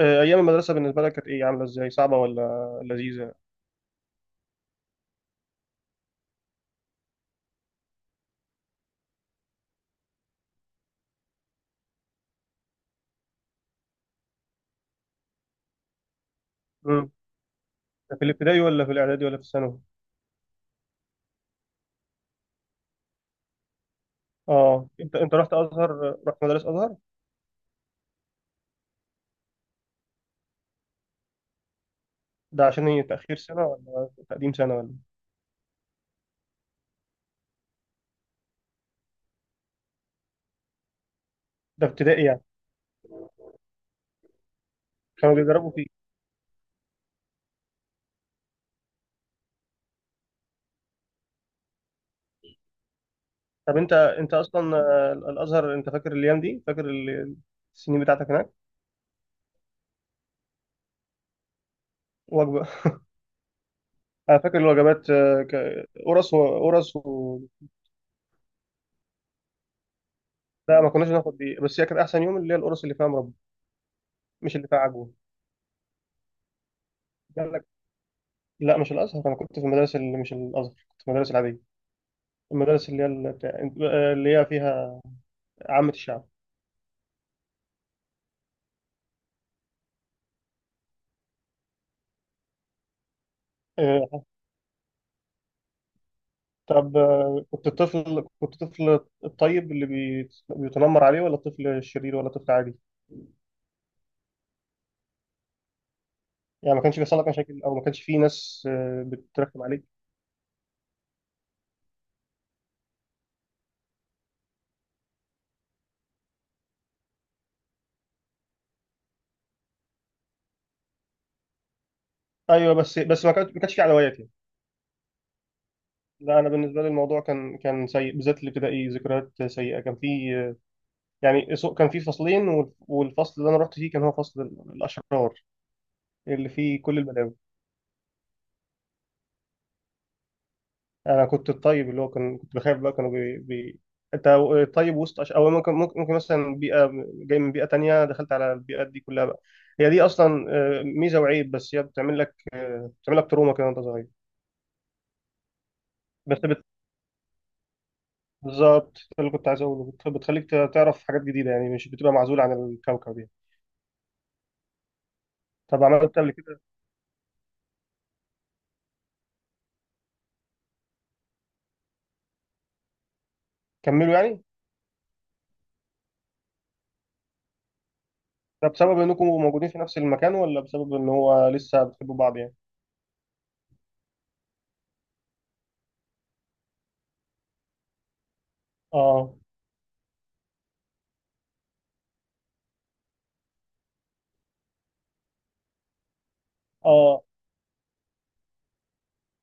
ايام المدرسه بالنسبه لك كانت ايه؟ عامله ازاي؟ صعبه ولا لذيذه؟ امم في الابتدائي ولا في الاعدادي ولا في الثانوي؟ اه، انت رحت ازهر؟ رحت مدرسه ازهر؟ ده عشان هي تاخير سنه ولا تقديم سنه ولا؟ ده ابتدائي يعني؟ كانوا بيجربوا فيه؟ طب انت اصلا، الازهر انت فاكر الايام دي؟ فاكر السنين بتاعتك هناك؟ وجبه. انا فاكر الوجبات، قرص وقرص لا، ما كناش ناخد دي، بس هي كانت احسن يوم اللي هي القرص اللي فيها مربى. مش اللي فيها عجوه. قال لك؟ لا، مش الازهر، انا كنت في المدرسه اللي مش الازهر، كنت في المدرسه العاديه. المدارس اللي هي اللي هي فيها عامة الشعب. آه. طب، كنت الطفل، كنت الطفل الطيب اللي بيتنمر عليه، ولا الطفل الشرير، ولا الطفل عادي؟ يعني ما كانش بيحصل لك مشاكل، او ما كانش في ناس بترخم عليك؟ ايوه، بس ما كانش في عدوات يعني؟ لا، انا بالنسبه لي الموضوع كان سيء، بالذات الابتدائي ذكريات سيئه. كان في، يعني كان في فصلين والفصل اللي انا رحت فيه كان هو فصل الاشرار اللي فيه كل البلاوي. انا كنت الطيب اللي هو كنت بخاف بقى، كانوا انت طيب وسط او ممكن مثلا بيئه جاي من بيئه تانية دخلت على البيئات دي كلها بقى. هي دي اصلا، ميزه وعيب، بس هي بتعمل لك، بتعمل لك تروما كده وانت صغير. بس بت... بالظبط ده اللي كنت عايز اقوله. بتخليك تعرف حاجات جديده، يعني مش بتبقى معزول عن الكوكب يعني. طب عملت إيه قبل كده؟ كملوا يعني؟ ده بسبب انكم موجودين في نفس المكان، ولا بسبب ان هو لسه بتحبوا بعض يعني؟ اه. اه.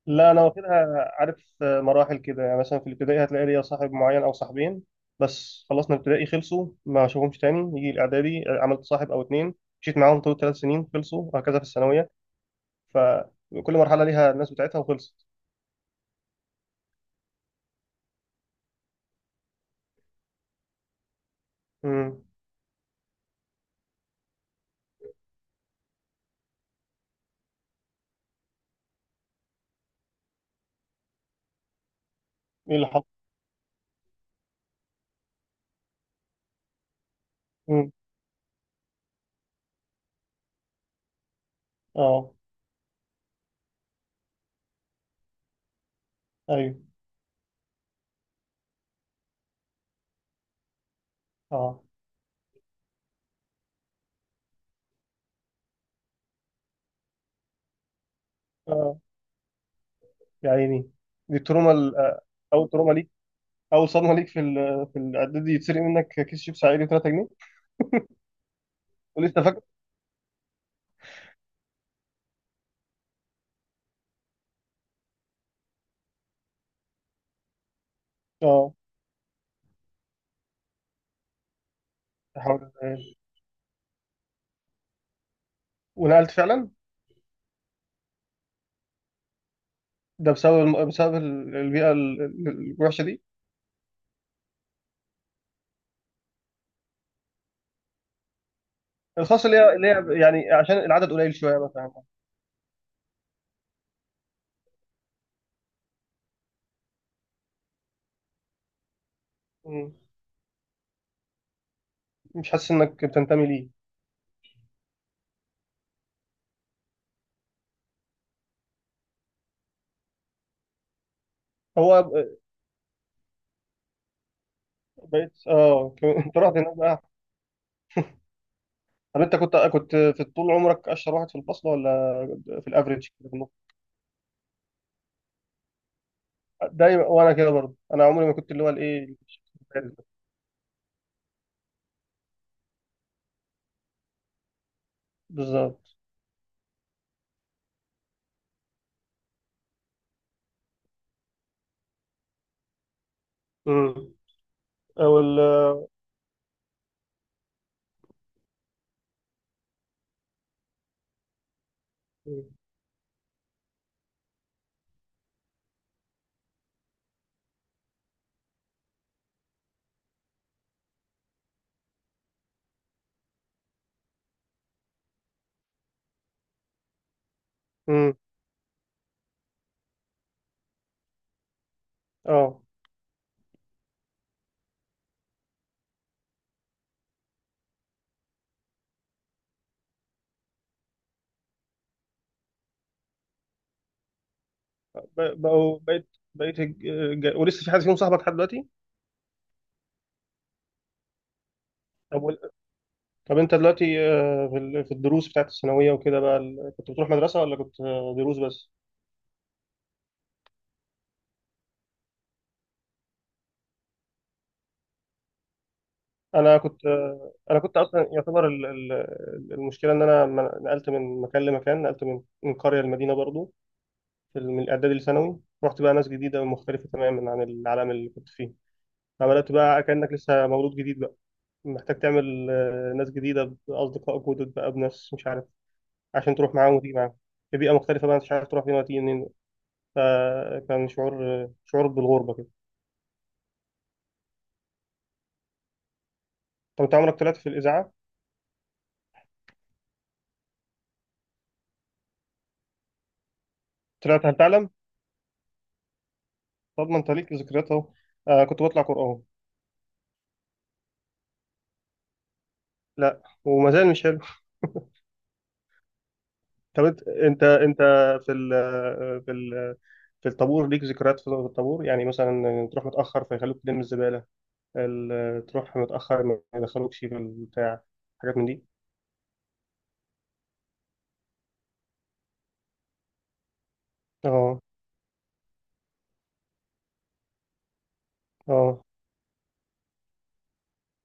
لا انا واخدها عارف مراحل كده، يعني مثلا في الابتدائي هتلاقي ليا صاحب معين او صاحبين، بس خلصنا الابتدائي خلصوا ما اشوفهمش تاني، يجي الاعدادي عملت صاحب او اتنين مشيت معاهم طول ثلاث سنين خلصوا، وهكذا في الثانويه. فكل مرحله ليها الناس بتاعتها وخلصت. امم. ايه اللي حصل؟ امم. اه. ايوه. اه. اه، يا عيني. دي التروما اول تروما ليك، اول صدمه ليك في الاعدادي، يتسرق منك كيس شيبس عادي 3 جنيه. ولسه فاكر. اه. يا حول الله. ونقلت فعلا؟ ده بسبب البيئة الوحشة دي؟ الخاصة اللي هي اللي هي، يعني عشان العدد قليل شوية مثلا؟ مم. مش حاسس انك بتنتمي ليه؟ هو ب- بقيت اه. انت رحت هناك بقى. طب انت كنت في طول عمرك اشطر واحد في الفصل، ولا في الافريج كده في النص؟ دايما وانا كده برضه، انا عمري ما كنت اللي هو الايه. بالظبط. مم. او ال. امم. اه. ب- بقوا بقيت ولسه في حد فيهم صاحبك لحد دلوقتي؟ طب، طب انت دلوقتي، في الدروس بتاعت الثانويه وكده بقى، كنت بتروح مدرسه ولا كنت، دروس بس؟ انا كنت، انا كنت اصلا يعتبر المشكله ان انا نقلت من مكان لمكان، نقلت من قريه لمدينه برضو. من الاعدادي لثانوي، رحت بقى ناس جديده ومختلفه تماما عن العالم اللي كنت فيه. فبدات بقى كانك لسه مولود جديد بقى، محتاج تعمل، ناس جديده، باصدقاء جدد بقى، بناس مش عارف عشان تروح معاهم وتيجي معاهم. في بيئه مختلفه بقى، انت مش عارف تروح فين وتيجي منين. فكان شعور، شعور بالغربه كده. طب انت عمرك طلعت في الاذاعه؟ طلعت هل تعلم؟ طب ما انت ليك ذكريات اهو. آه كنت بطلع قران. لا وما زال مش حلو. طب انت في ال في ال في الطابور ليك ذكريات؟ في الطابور يعني مثلا تروح متاخر فيخلوك تلم الزباله، تروح متاخر ما يدخلوكش في البتاع، حاجات من دي؟ اه. اه،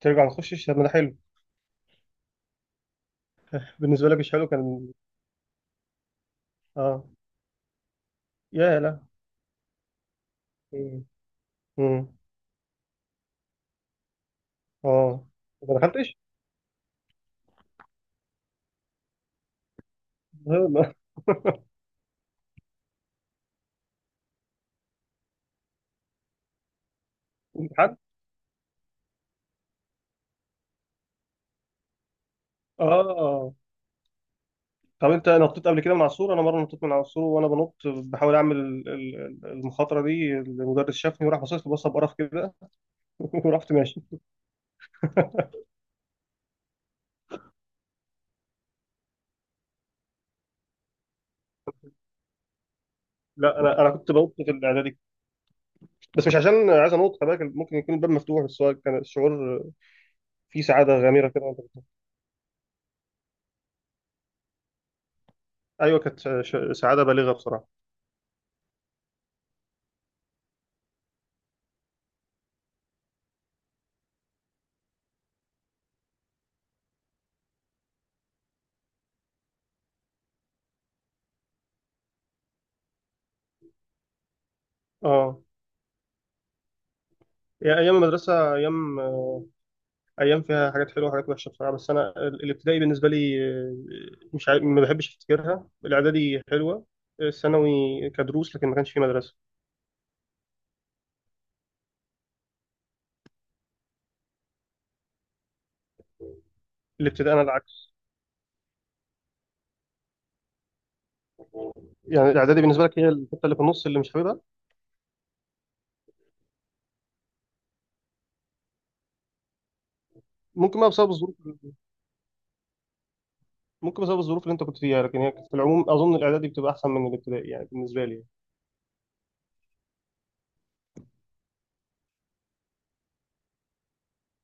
ترجع ما تخشش؟ طب ما ده حلو. بالنسبه لك مش حلو كان؟ اه، يا لا. امم. اه. ما دخلتش؟ امتحان؟ اه. طب انت نطيت قبل كده من على السور؟ انا مره نطيت من على السور، وانا بنط بحاول اعمل المخاطره دي، المدرس شافني وراح باصص لي بصه بقرف كده. ورحت ماشي. لا، انا كنت بنط في الاعدادي، بس مش عشان عايز انط، خلي بالك ممكن يكون الباب مفتوح، بس هو كان الشعور فيه سعاده غامره كده وانت بتنط. ايوه، كانت سعاده بالغه بصراحه. اه. ايام المدرسه ايام، ايام فيها حاجات حلوه وحاجات وحشه بصراحه. بس انا الابتدائي بالنسبه لي، مش عارف، ما بحبش افتكرها. الاعدادي حلوه. الثانوي كدروس، لكن ما كانش في مدرسه. الابتدائي انا العكس. يعني الاعدادي بالنسبه لك هي الحته اللي في النص اللي مش حاببها؟ ممكن بقى بسبب الظروف، ممكن بسبب الظروف اللي انت كنت فيها، لكن هي في العموم اظن الاعدادي بتبقى احسن من الابتدائي يعني بالنسبه لي.